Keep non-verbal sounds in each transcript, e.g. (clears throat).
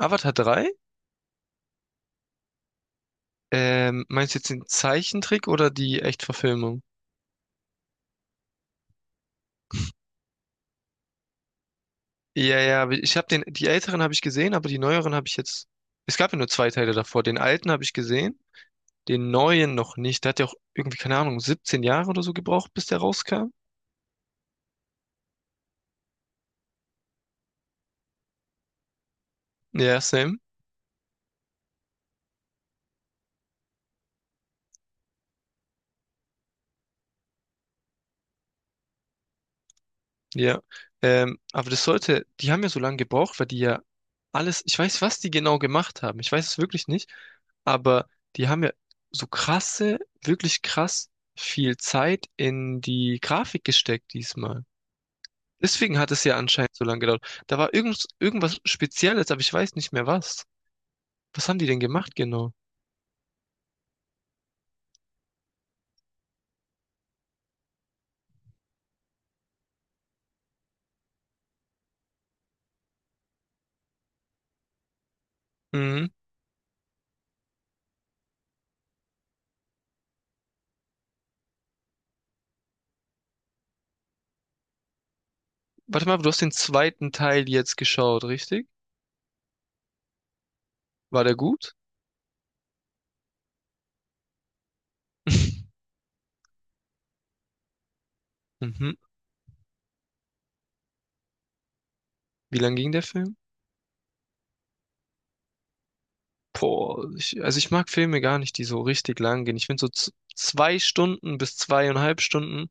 Avatar drei? Meinst du jetzt den Zeichentrick oder die Echtverfilmung? Ja, ja, aber ich habe den, die älteren habe ich gesehen, aber die neueren habe ich jetzt. Es gab ja nur zwei Teile davor. Den alten habe ich gesehen, den neuen noch nicht. Der hat ja auch irgendwie, keine Ahnung, 17 Jahre oder so gebraucht, bis der rauskam. Ja, same. Ja, aber das sollte, die haben ja so lange gebraucht, weil die ja alles, ich weiß, was die genau gemacht haben, ich weiß es wirklich nicht, aber die haben ja so krasse, wirklich krass viel Zeit in die Grafik gesteckt diesmal. Deswegen hat es ja anscheinend so lange gedauert. Da war irgendwas Spezielles, aber ich weiß nicht mehr was. Was haben die denn gemacht genau? Mhm. Warte mal, du hast den zweiten Teil jetzt geschaut, richtig? War der gut? (laughs) Mhm. Wie lang ging der Film? Boah, ich, also ich mag Filme gar nicht, die so richtig lang gehen. Ich finde so 2 Stunden bis 2,5 Stunden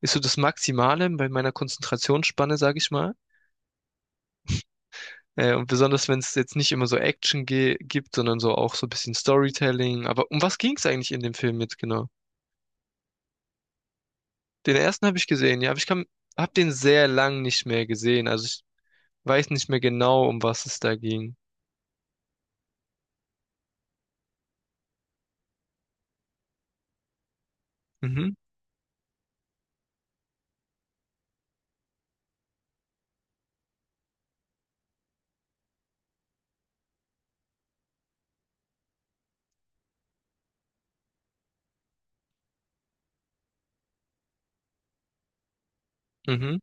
ist so das Maximale bei meiner Konzentrationsspanne, sag ich mal. Und besonders, wenn es jetzt nicht immer so Action ge gibt, sondern so auch so ein bisschen Storytelling. Aber um was ging es eigentlich in dem Film jetzt genau? Den ersten habe ich gesehen, ja, aber ich kann, habe den sehr lang nicht mehr gesehen. Also ich weiß nicht mehr genau, um was es da ging. Mhm, mhm.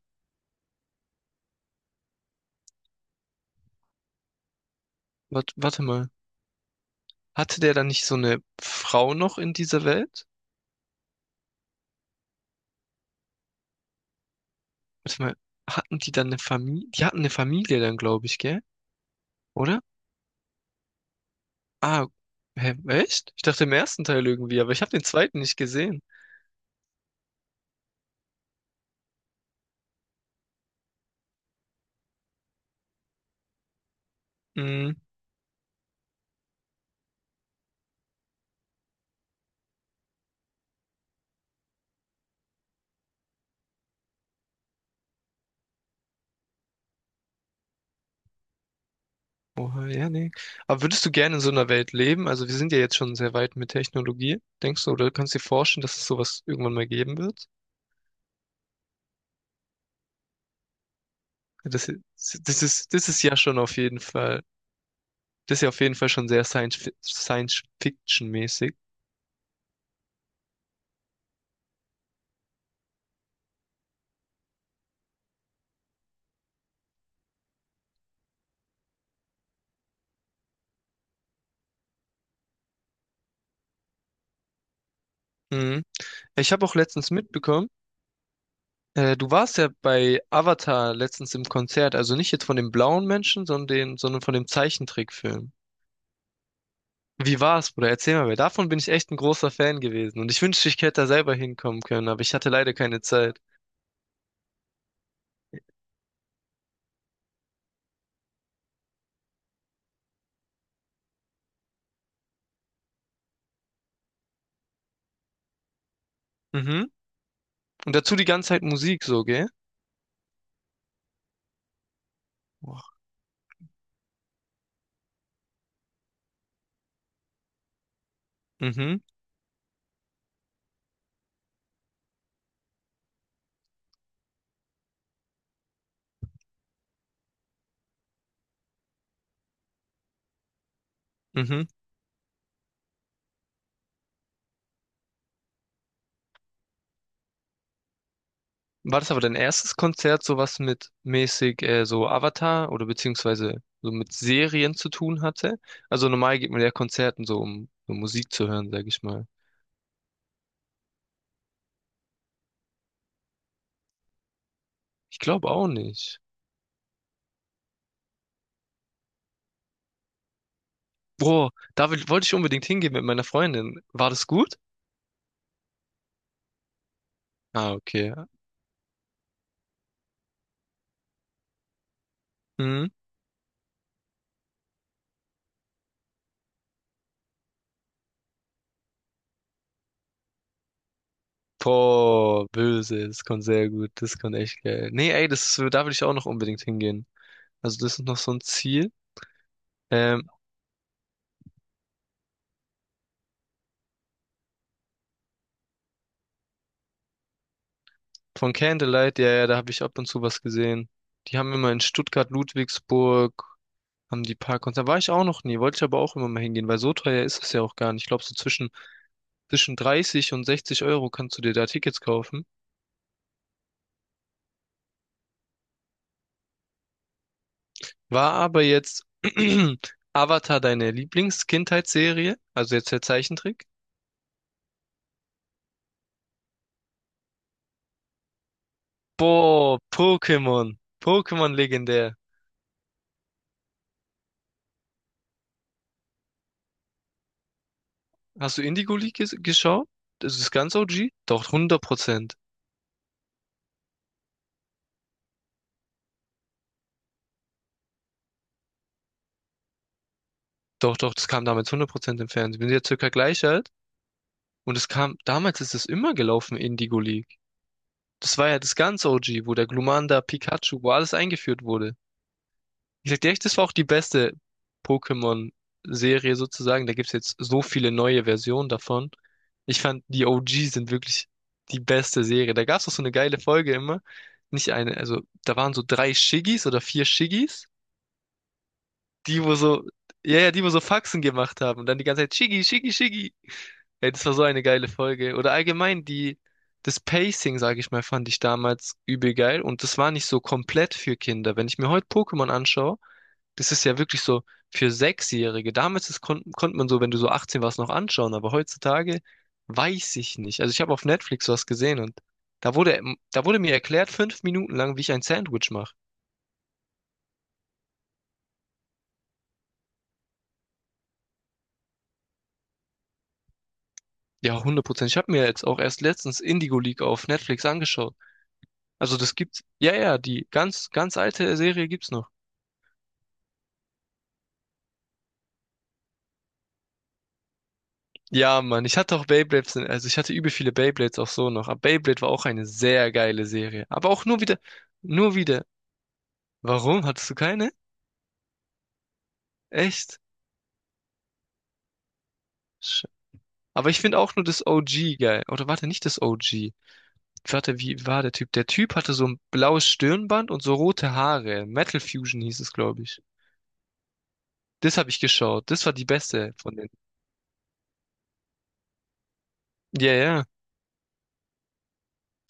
Warte mal. Hatte der dann nicht so eine Frau noch in dieser Welt? Warte mal, hatten die dann eine Familie? Die hatten eine Familie dann, glaube ich, gell? Oder? Ah, hä, echt? Ich dachte im ersten Teil irgendwie, aber ich habe den zweiten nicht gesehen. Hm, oh, ja, nee. Aber würdest du gerne in so einer Welt leben? Also wir sind ja jetzt schon sehr weit mit Technologie, denkst du? Oder kannst du dir vorstellen, dass es sowas irgendwann mal geben wird? Ja, das ist ja schon auf jeden Fall, das ist ja auf jeden Fall schon sehr Science-Fiction-mäßig. Mhm. Ich habe auch letztens mitbekommen, du warst ja bei Avatar letztens im Konzert, also nicht jetzt von dem blauen Menschen, sondern von dem Zeichentrickfilm. Wie war's, Bruder? Erzähl mal, weil davon bin ich echt ein großer Fan gewesen. Und ich wünschte, ich hätte da selber hinkommen können, aber ich hatte leider keine Zeit. Mhm. Und dazu die ganze Zeit Musik so, gell? Boah. Mhm. Mhm. War das aber dein erstes Konzert, so was mit mäßig so Avatar oder beziehungsweise so mit Serien zu tun hatte? Also normal geht man ja Konzerten so, um so Musik zu hören, sag ich mal. Ich glaube auch nicht. Boah, wollte ich unbedingt hingehen mit meiner Freundin. War das gut? Ah, okay. Mhm. Boah, böse, das kommt sehr gut, das kommt echt geil. Nee, ey, da will ich auch noch unbedingt hingehen. Also das ist noch so ein Ziel. Ähm, von Candlelight, ja, ja, da habe ich ab und zu was gesehen. Die haben immer in Stuttgart, Ludwigsburg, haben die paar Konzerte. War ich auch noch nie, wollte ich aber auch immer mal hingehen, weil so teuer ist es ja auch gar nicht. Ich glaube, so zwischen 30 und 60 € kannst du dir da Tickets kaufen. War aber jetzt (clears throat) Avatar deine Lieblings-Kindheitsserie? Also jetzt der Zeichentrick? Boah, Pokémon. Pokémon legendär. Hast du Indigo League geschaut? Das ist ganz OG? Doch, 100%. Doch, doch, das kam damals 100% im Fernsehen. Wir sind ja circa gleich alt. Und es kam, damals ist es immer gelaufen, Indigo League. Das war ja das ganz OG, wo der Glumanda, Pikachu, wo alles eingeführt wurde. Ich sag dir echt, das war auch die beste Pokémon-Serie sozusagen. Da gibt's jetzt so viele neue Versionen davon. Ich fand, die OG sind wirklich die beste Serie. Da gab's auch so eine geile Folge immer. Nicht eine, also da waren so drei Shiggies oder vier Shiggies, die wo so, ja, ja, die wo so Faxen gemacht haben und dann die ganze Zeit Shiggy, Shiggy, Shiggy. Ey, das war so eine geile Folge. Oder allgemein die, das Pacing, sage ich mal, fand ich damals übel geil und das war nicht so komplett für Kinder. Wenn ich mir heute Pokémon anschaue, das ist ja wirklich so für Sechsjährige. Damals ist, konnte man so, wenn du so 18 warst, noch anschauen, aber heutzutage weiß ich nicht. Also ich habe auf Netflix was gesehen und da wurde mir erklärt, 5 Minuten lang, wie ich ein Sandwich mache. Ja, 100%. Ich habe mir jetzt auch erst letztens Indigo League auf Netflix angeschaut. Also das gibt's, ja, ja, die ganz, ganz alte Serie gibt's noch. Ja, Mann, ich hatte auch Beyblades, also ich hatte übel viele Beyblades auch so noch. Aber Beyblade war auch eine sehr geile Serie. Aber auch nur wieder. Warum? Hattest du keine? Echt? Sch- Aber ich finde auch nur das OG geil. Oder warte, nicht das OG. Warte, wie war der Typ? Der Typ hatte so ein blaues Stirnband und so rote Haare. Metal Fusion hieß es, glaube ich. Das habe ich geschaut. Das war die beste von den. Ja, ja.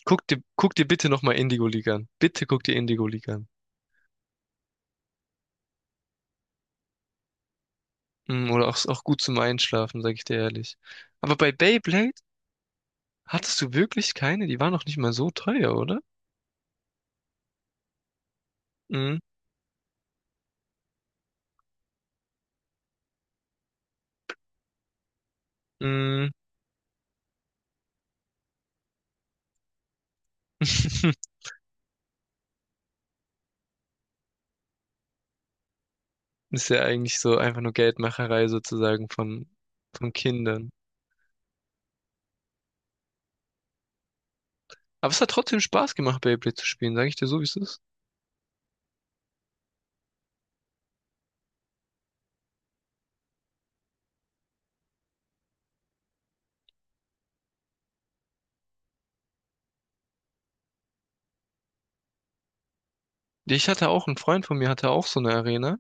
Guck dir bitte nochmal Indigo League an. Bitte guck dir Indigo League an. Oder auch gut zum Einschlafen, sag ich dir ehrlich. Aber bei Beyblade hattest du wirklich keine? Die waren noch nicht mal so teuer, oder? Mm, mm. (laughs) Ist ja eigentlich so einfach nur Geldmacherei sozusagen von Kindern. Aber es hat trotzdem Spaß gemacht, Beyblade zu spielen, sage ich dir so, wie es ist. Ich hatte auch, ein Freund von mir hatte auch so eine Arena,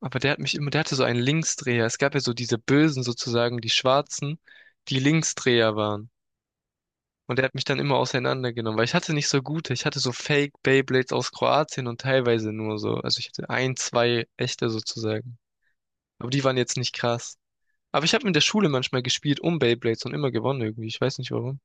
aber der hat mich immer, der hatte so einen Linksdreher. Es gab ja so diese Bösen sozusagen, die Schwarzen, die Linksdreher waren. Und der hat mich dann immer auseinandergenommen, weil ich hatte nicht so gute. Ich hatte so Fake Beyblades aus Kroatien und teilweise nur so. Also ich hatte ein, zwei echte sozusagen. Aber die waren jetzt nicht krass. Aber ich habe in der Schule manchmal gespielt um Beyblades und immer gewonnen irgendwie. Ich weiß nicht warum.